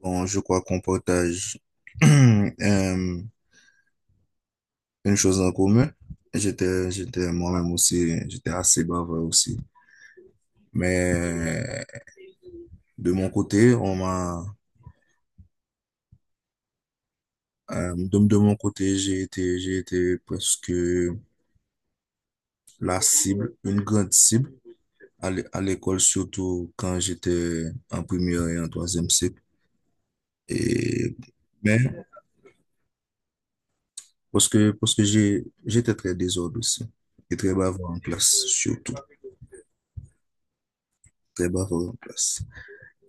Bon, je crois qu'on partage euh, une chose en commun. J'étais moi-même aussi, j'étais assez bavard aussi. Mais de mon côté, on m'a, de mon côté, j'ai été presque la cible, une grande cible à l'école, surtout quand j'étais en première et en troisième cycle. Et, mais parce que j'étais très désordre aussi et très bavard en classe, surtout très bavard en classe.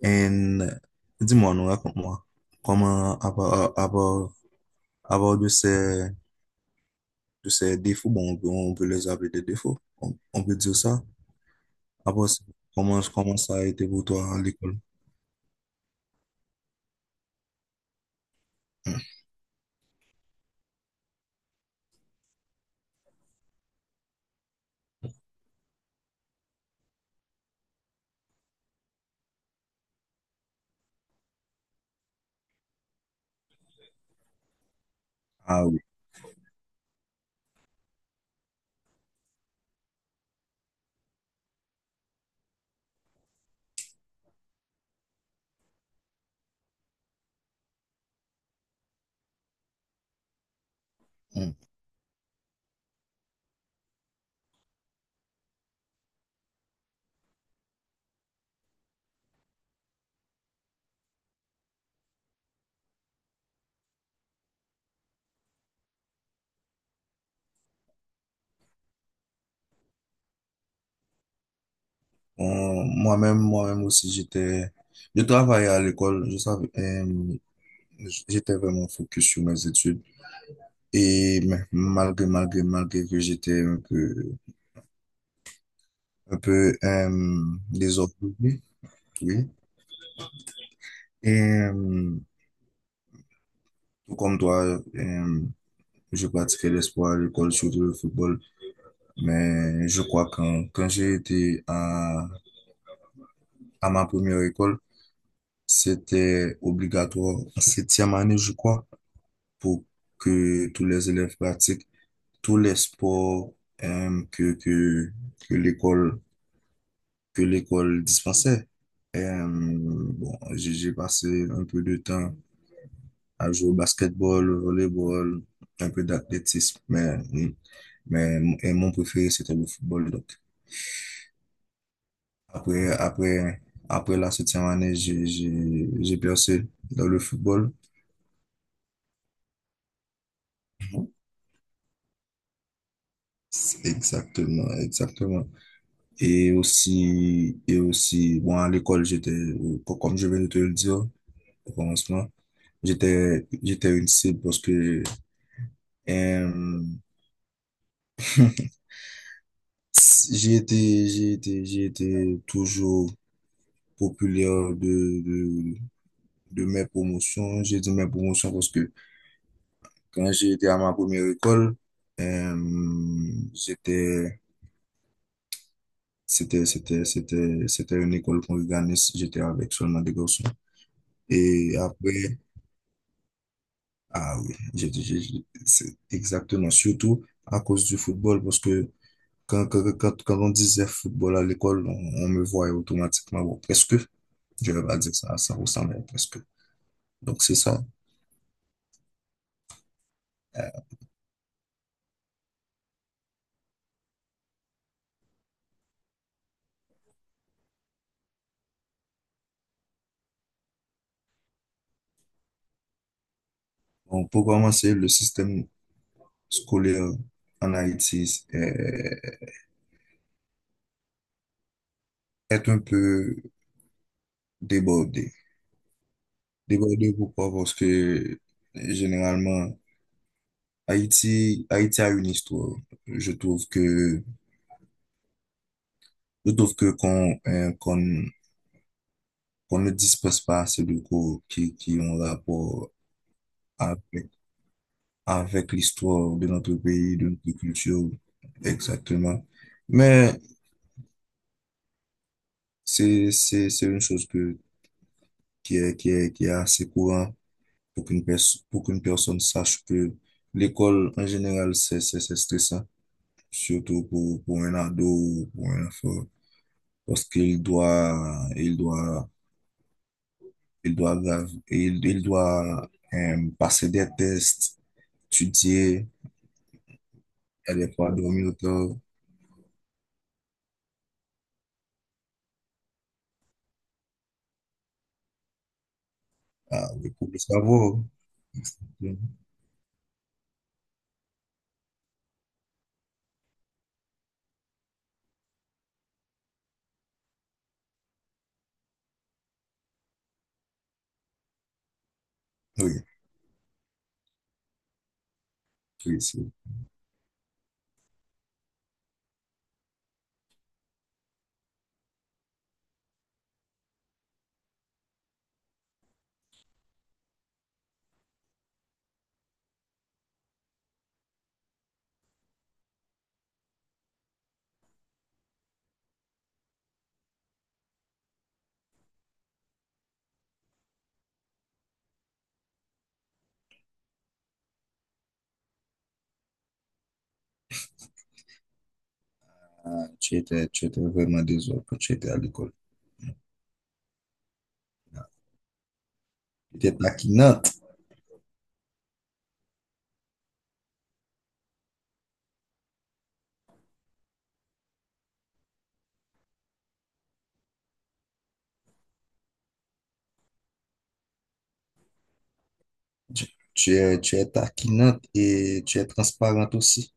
And dis-moi, raconte-moi, comment, à part, à part, à part de de ces défauts, bon, on peut les appeler des défauts, on peut dire ça. À part ça, comment ça a été pour toi à l'école? Hmm. Ah oui. Hmm. Moi-même aussi, je travaillais à l'école, j'étais vraiment focus sur mes études. Et malgré que j'étais un peu, désordonné, oui. Et comme toi, je pratiquais le sport à l'école, surtout le football. Mais je crois que quand j'ai été à ma première école, c'était obligatoire en septième année, je crois, pour que tous les élèves pratiquent tous les sports euh, que, que, que que l'école dispensait. Bon, j'ai passé un peu de temps à jouer au basketball, au volleyball, un peu d'athlétisme, mais et mon préféré, c'était le football. Donc, après, après, après la septième année, j'ai percé dans le football. Exactement, exactement. Et aussi, bon, à l'école, comme je viens de te le dire au commencement, j'étais une cible parce que euh, j'ai été toujours populaire de mes promotions. J'ai dit mes promotions parce que quand j'ai été à ma première école, euh, j'étais, c'était une école qu'on organise. J'étais avec seulement des garçons. Et après, ah oui, c'est exactement, surtout à cause du football parce que quand on disait football à l'école, on me voyait automatiquement, bon, presque. Je vais pas dire ça à 100%, mais presque. Donc, c'est ça. Euh, on peut commencer le système scolaire en Haïti est un peu débordé. Débordé pourquoi? Parce que généralement, Haïti a une histoire. Je trouve que, je trouve que qu'on qu'on ne dispose pas assez de cours qui ont rapport avec, avec l'histoire de notre pays, de notre culture, exactement. Mais c'est une chose qui est assez courant pour pour qu'une personne sache que l'école, en général, c'est stressant, surtout pour un ado ou pour un enfant, parce qu'il doit, il doit, il doit, il doit passer des tests, étudier, il y a des fois dormir autant, ah, oui, pour le savoir. Mhm. Oui, oui, c'est- ah, tu étais vraiment désolé quand tu étais à l'école. Ah, tu étais taquinante. Tu, tu es taquinante et tu es transparente aussi.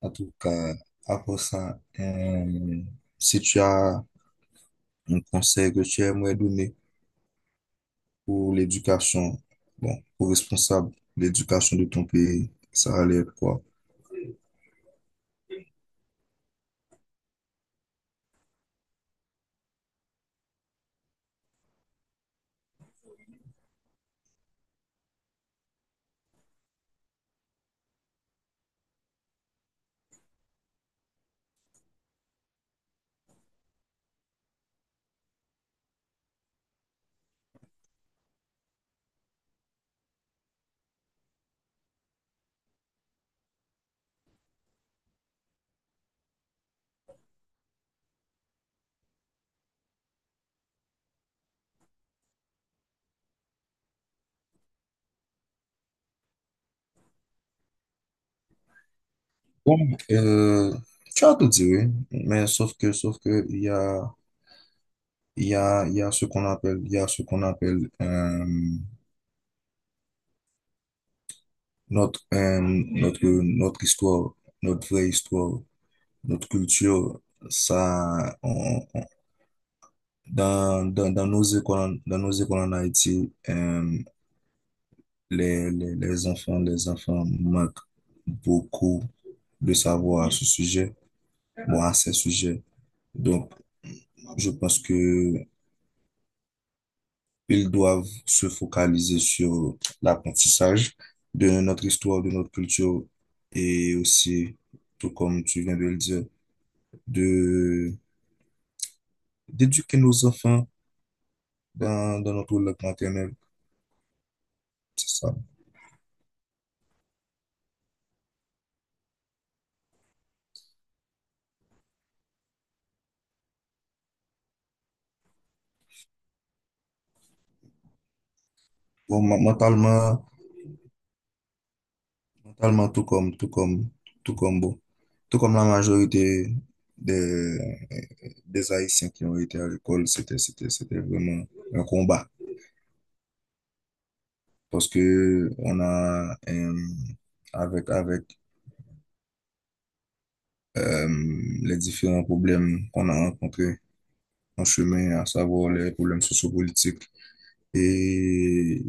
En tout cas, après ça, si tu as un conseil que tu aimerais donner pour l'éducation, bon, pour responsable de l'éducation de ton pays, ça allait être quoi? Bon, euh, tu as tout dit, oui, mais sauf que, il y a ce qu'on appelle, notre histoire, notre vraie histoire, notre culture, ça, on, dans nos écoles en Haïti, les enfants manquent beaucoup de savoir à ce sujet, bon, à ces sujets. Donc, je pense que ils doivent se focaliser sur l'apprentissage de notre histoire, de notre culture et aussi, tout comme tu viens de le dire, de, d'éduquer nos enfants dans notre langue maternelle. C'est ça. Bon, mentalement, totalement tout comme vous. Tout comme la majorité des, des Haïtiens qui ont été à l'école, c'était vraiment un combat. Parce que on a, avec euh, les différents problèmes qu'on a rencontrés en chemin, à savoir les problèmes sociopolitiques et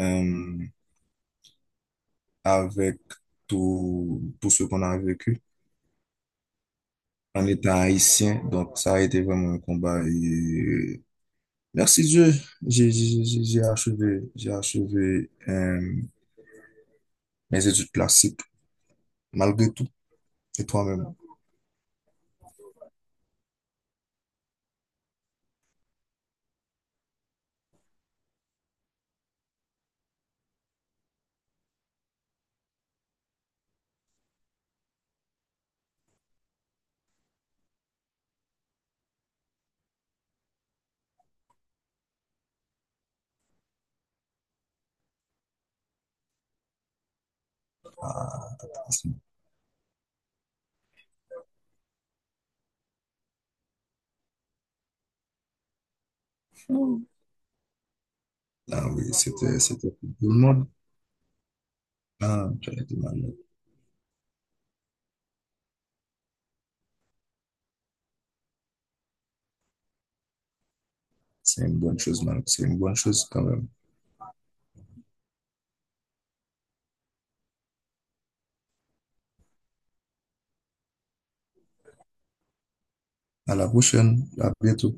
euh, avec tout ce qu'on a vécu en étant haïtien, donc ça a été vraiment un combat et merci Dieu, j'ai achevé mes études classiques malgré tout. Et toi-même? Ah oui, c'était pour tout le monde. Ah, tu as été malade. C'est une bonne chose, malade. C'est une bonne chose quand même. À la prochaine, à bientôt.